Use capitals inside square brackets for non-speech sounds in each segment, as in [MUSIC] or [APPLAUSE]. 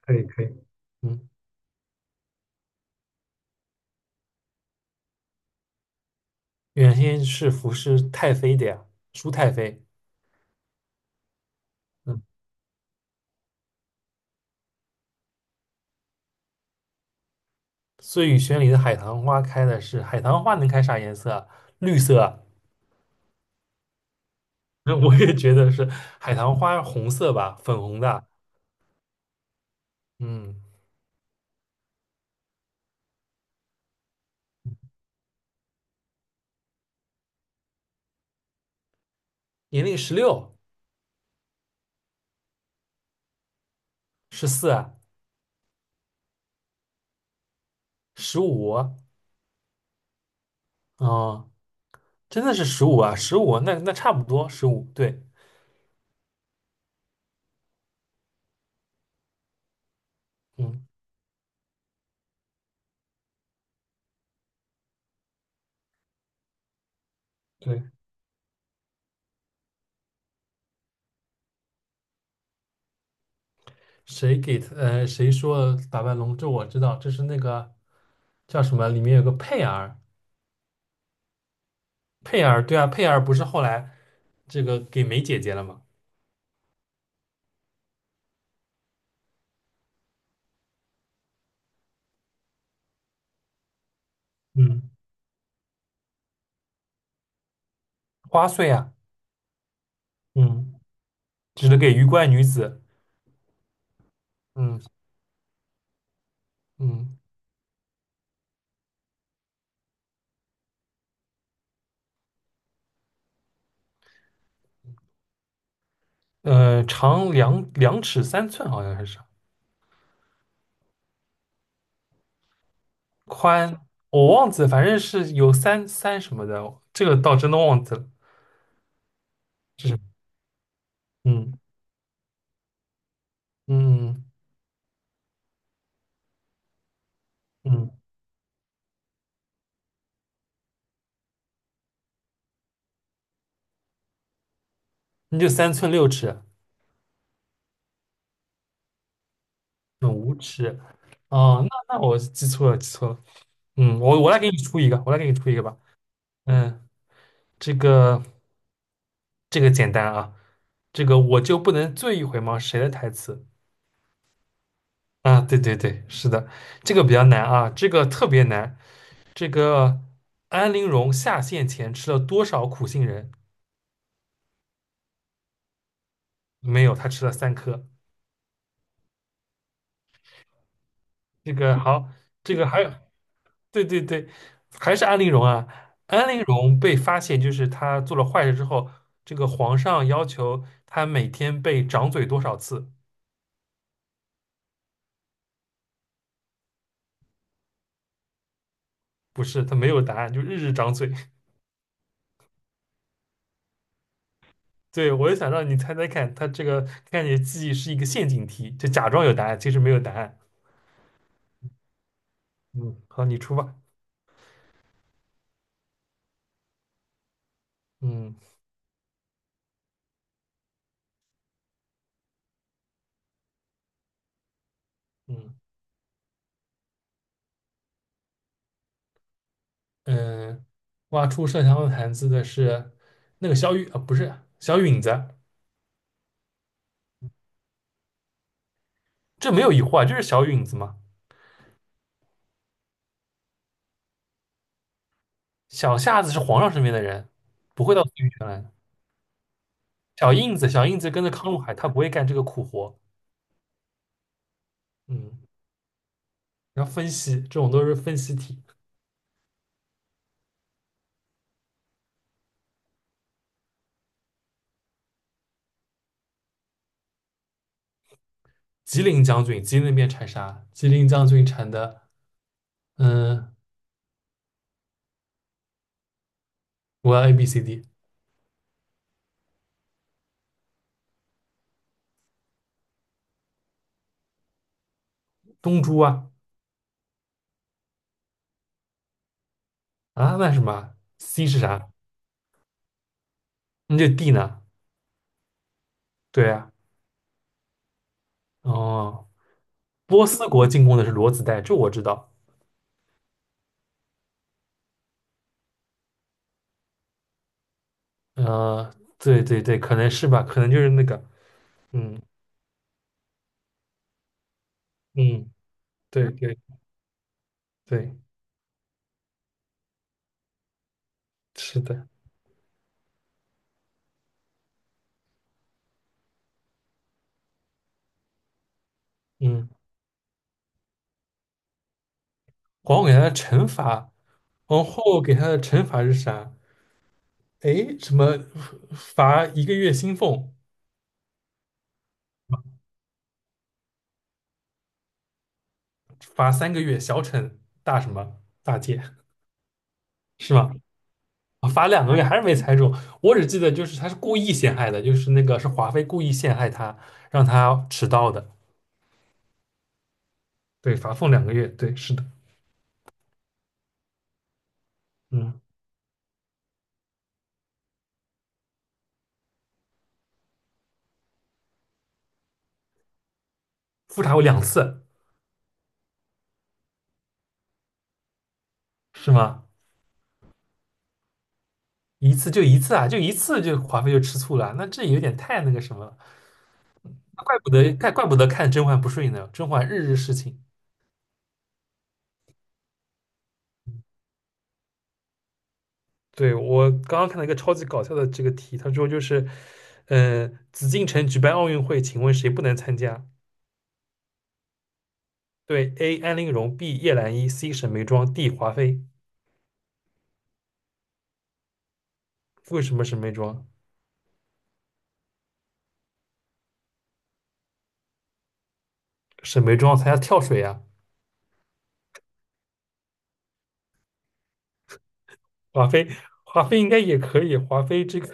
可以可以，嗯，原先是服侍太妃的呀，舒太妃。嗯，碎雨轩里的海棠花开的是海棠花，能开啥颜色啊绿色啊那 [LAUGHS] 我也觉得是海棠花，红色吧，粉红的。嗯，年龄16、14啊、十五啊，哦，真的是十五啊，十五，那差不多十五，对，嗯。对，谁给他？谁说打败龙？这我知道，这是那个叫什么？里面有个佩儿，佩儿，对啊，佩儿不是后来这个给梅姐姐了吗？嗯，花穗啊，嗯，指的给鱼怪女子，嗯嗯，长两尺三寸，好像还是宽，我忘记了，反正是有三什么的，这个倒真的忘记了，这是嗯嗯嗯，嗯那就3寸6尺，嗯，5尺，哦，那我记错了，记错了，嗯，我来给你出一个，我来给你出一个吧，嗯，这个。这个简单啊，这个我就不能醉一回吗？谁的台词啊？对对对，是的，这个比较难啊，这个特别难。这个安陵容下线前吃了多少苦杏仁？没有，她吃了3颗。这个 [LAUGHS] 好，这个还有，对对对，还是安陵容啊。安陵容被发现，就是她做了坏事之后，这个皇上要求她每天被掌嘴多少次？不是，她没有答案，就日日掌嘴。对，我就想让你猜猜看，他这个看你的记忆是一个陷阱题，就假装有答案，其实没有答案。嗯，好，你出吧。嗯嗯嗯，挖出麝香的坛子的是那个小雨啊，不是小允子，这没有疑惑啊，就是小允子嘛。小夏子是皇上身边的人，不会到紫禁城来的。小印子，小印子跟着康禄海，他不会干这个苦活。嗯，然后分析这种都是分析题。吉林将军，吉林那边产啥？吉林将军产的，嗯，我要 A B C D。东珠啊啊，那是什么啊 c 是啥？那就 D 呢？对啊，哦，波斯国进攻的是裸子带，这我知道。对对对，可能是吧，可能就是那个，嗯嗯，对对对，是的，嗯，皇后给他的惩罚，皇后给他的惩罚是啥？诶，什么罚一个月薪俸，罚3个月小惩大什么大戒是吗？啊罚两个月还是没猜中，我只记得就是他是故意陷害的，就是那个是华妃故意陷害他，让他迟到的。对，罚俸两个月，对，是的，嗯，复查过2次，是吗？一次就一次啊，就一次就华妃就吃醋了，那这有点太那个什么了，那怪不得怪不得看甄嬛不顺眼呢，甄嬛日日侍寝。对，我刚刚看到一个超级搞笑的这个题，他说就是，紫禁城举办奥运会，请问谁不能参加？对，A. 安陵容，B. 叶澜依，C. 沈眉庄，D. 华妃。为什么沈眉庄？沈眉庄参加跳水呀、华妃，华妃应该也可以。华妃这个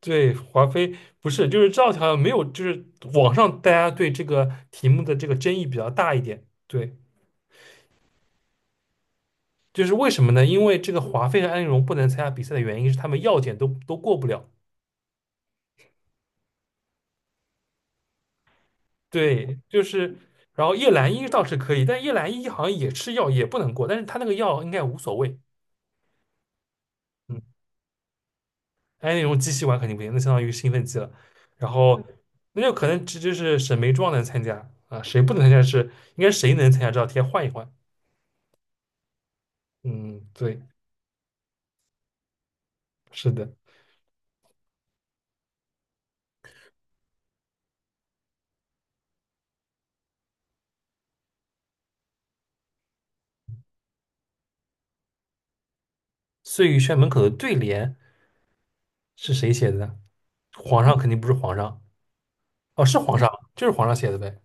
对华妃不是，就是这道题好像没有，就是网上大家对这个题目的这个争议比较大一点。对，就是为什么呢？因为这个华妃和安陵容不能参加比赛的原因是他们药检都过不了。对，就是，然后叶澜依倒是可以，但叶澜依好像也吃药也不能过，但是她那个药应该无所谓。嗯。哎，那种机器玩肯定不行，那相当于兴奋剂了。然后那就可能这就是沈眉庄能参加啊，谁不能参加是应该谁能参加这道题换一换。嗯，对，是的。碎玉轩门口的对联是谁写的呢？皇上肯定不是皇上，哦，是皇上，就是皇上写的呗。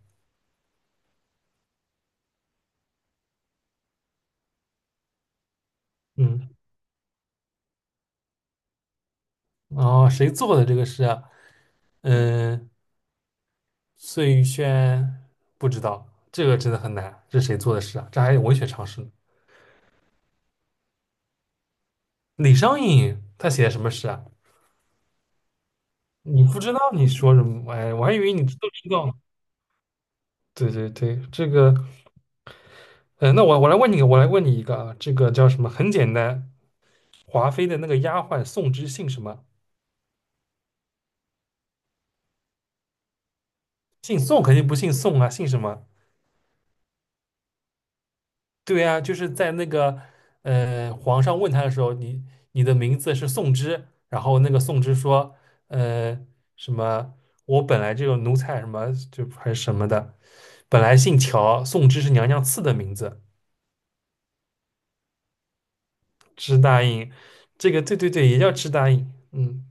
嗯，哦，谁做的这个诗啊？嗯，碎玉轩不知道，这个真的很难，这是谁做的诗啊？这还有文学常识呢。李商隐他写的什么诗啊？你不知道你说什么？哎，我还以为你都知道呢。对对对，这个，那我我来问你，我来问你一个啊，这个叫什么？很简单，华妃的那个丫鬟宋芝姓什么？姓宋肯定不姓宋啊，姓什么？对啊，就是在那个皇上问他的时候，你你的名字是宋芝，然后那个宋芝说，呃，什么？我本来就个奴才什么就还是什么的，本来姓乔，宋芝是娘娘赐的名字。支大印，这个对对对，也叫支大印，嗯，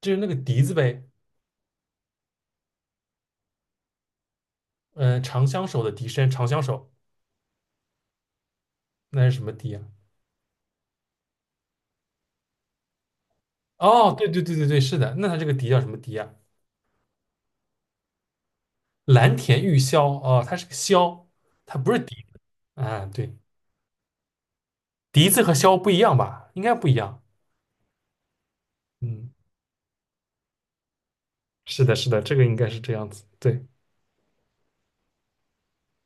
就是那个笛子呗，嗯、长相守的笛声，长相守，那是什么笛啊？哦，对对对对对，是的，那它这个笛叫什么笛啊？蓝田玉箫，哦，它是个箫，它不是笛子啊，对，笛子和箫不一样吧？应该不一样，嗯，是的，是的，这个应该是这样子，对，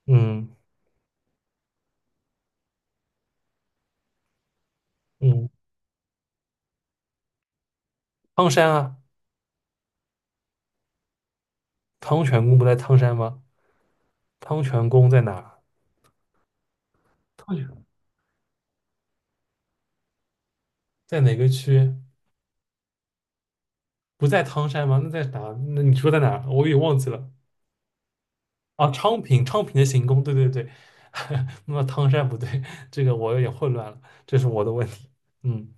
嗯嗯，汤山啊，汤泉宫不在汤山吗？汤泉宫在哪汤泉在哪个区？不在汤山吗？那在哪？那你说在哪？我也忘记了。啊，昌平，昌平的行宫，对对对。[LAUGHS] 那么汤山不对，这个我有点混乱了，这是我的问题。嗯，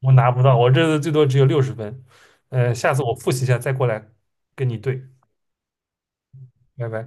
我拿不到，我这次最多只有60分。下次我复习一下再过来跟你对。拜拜。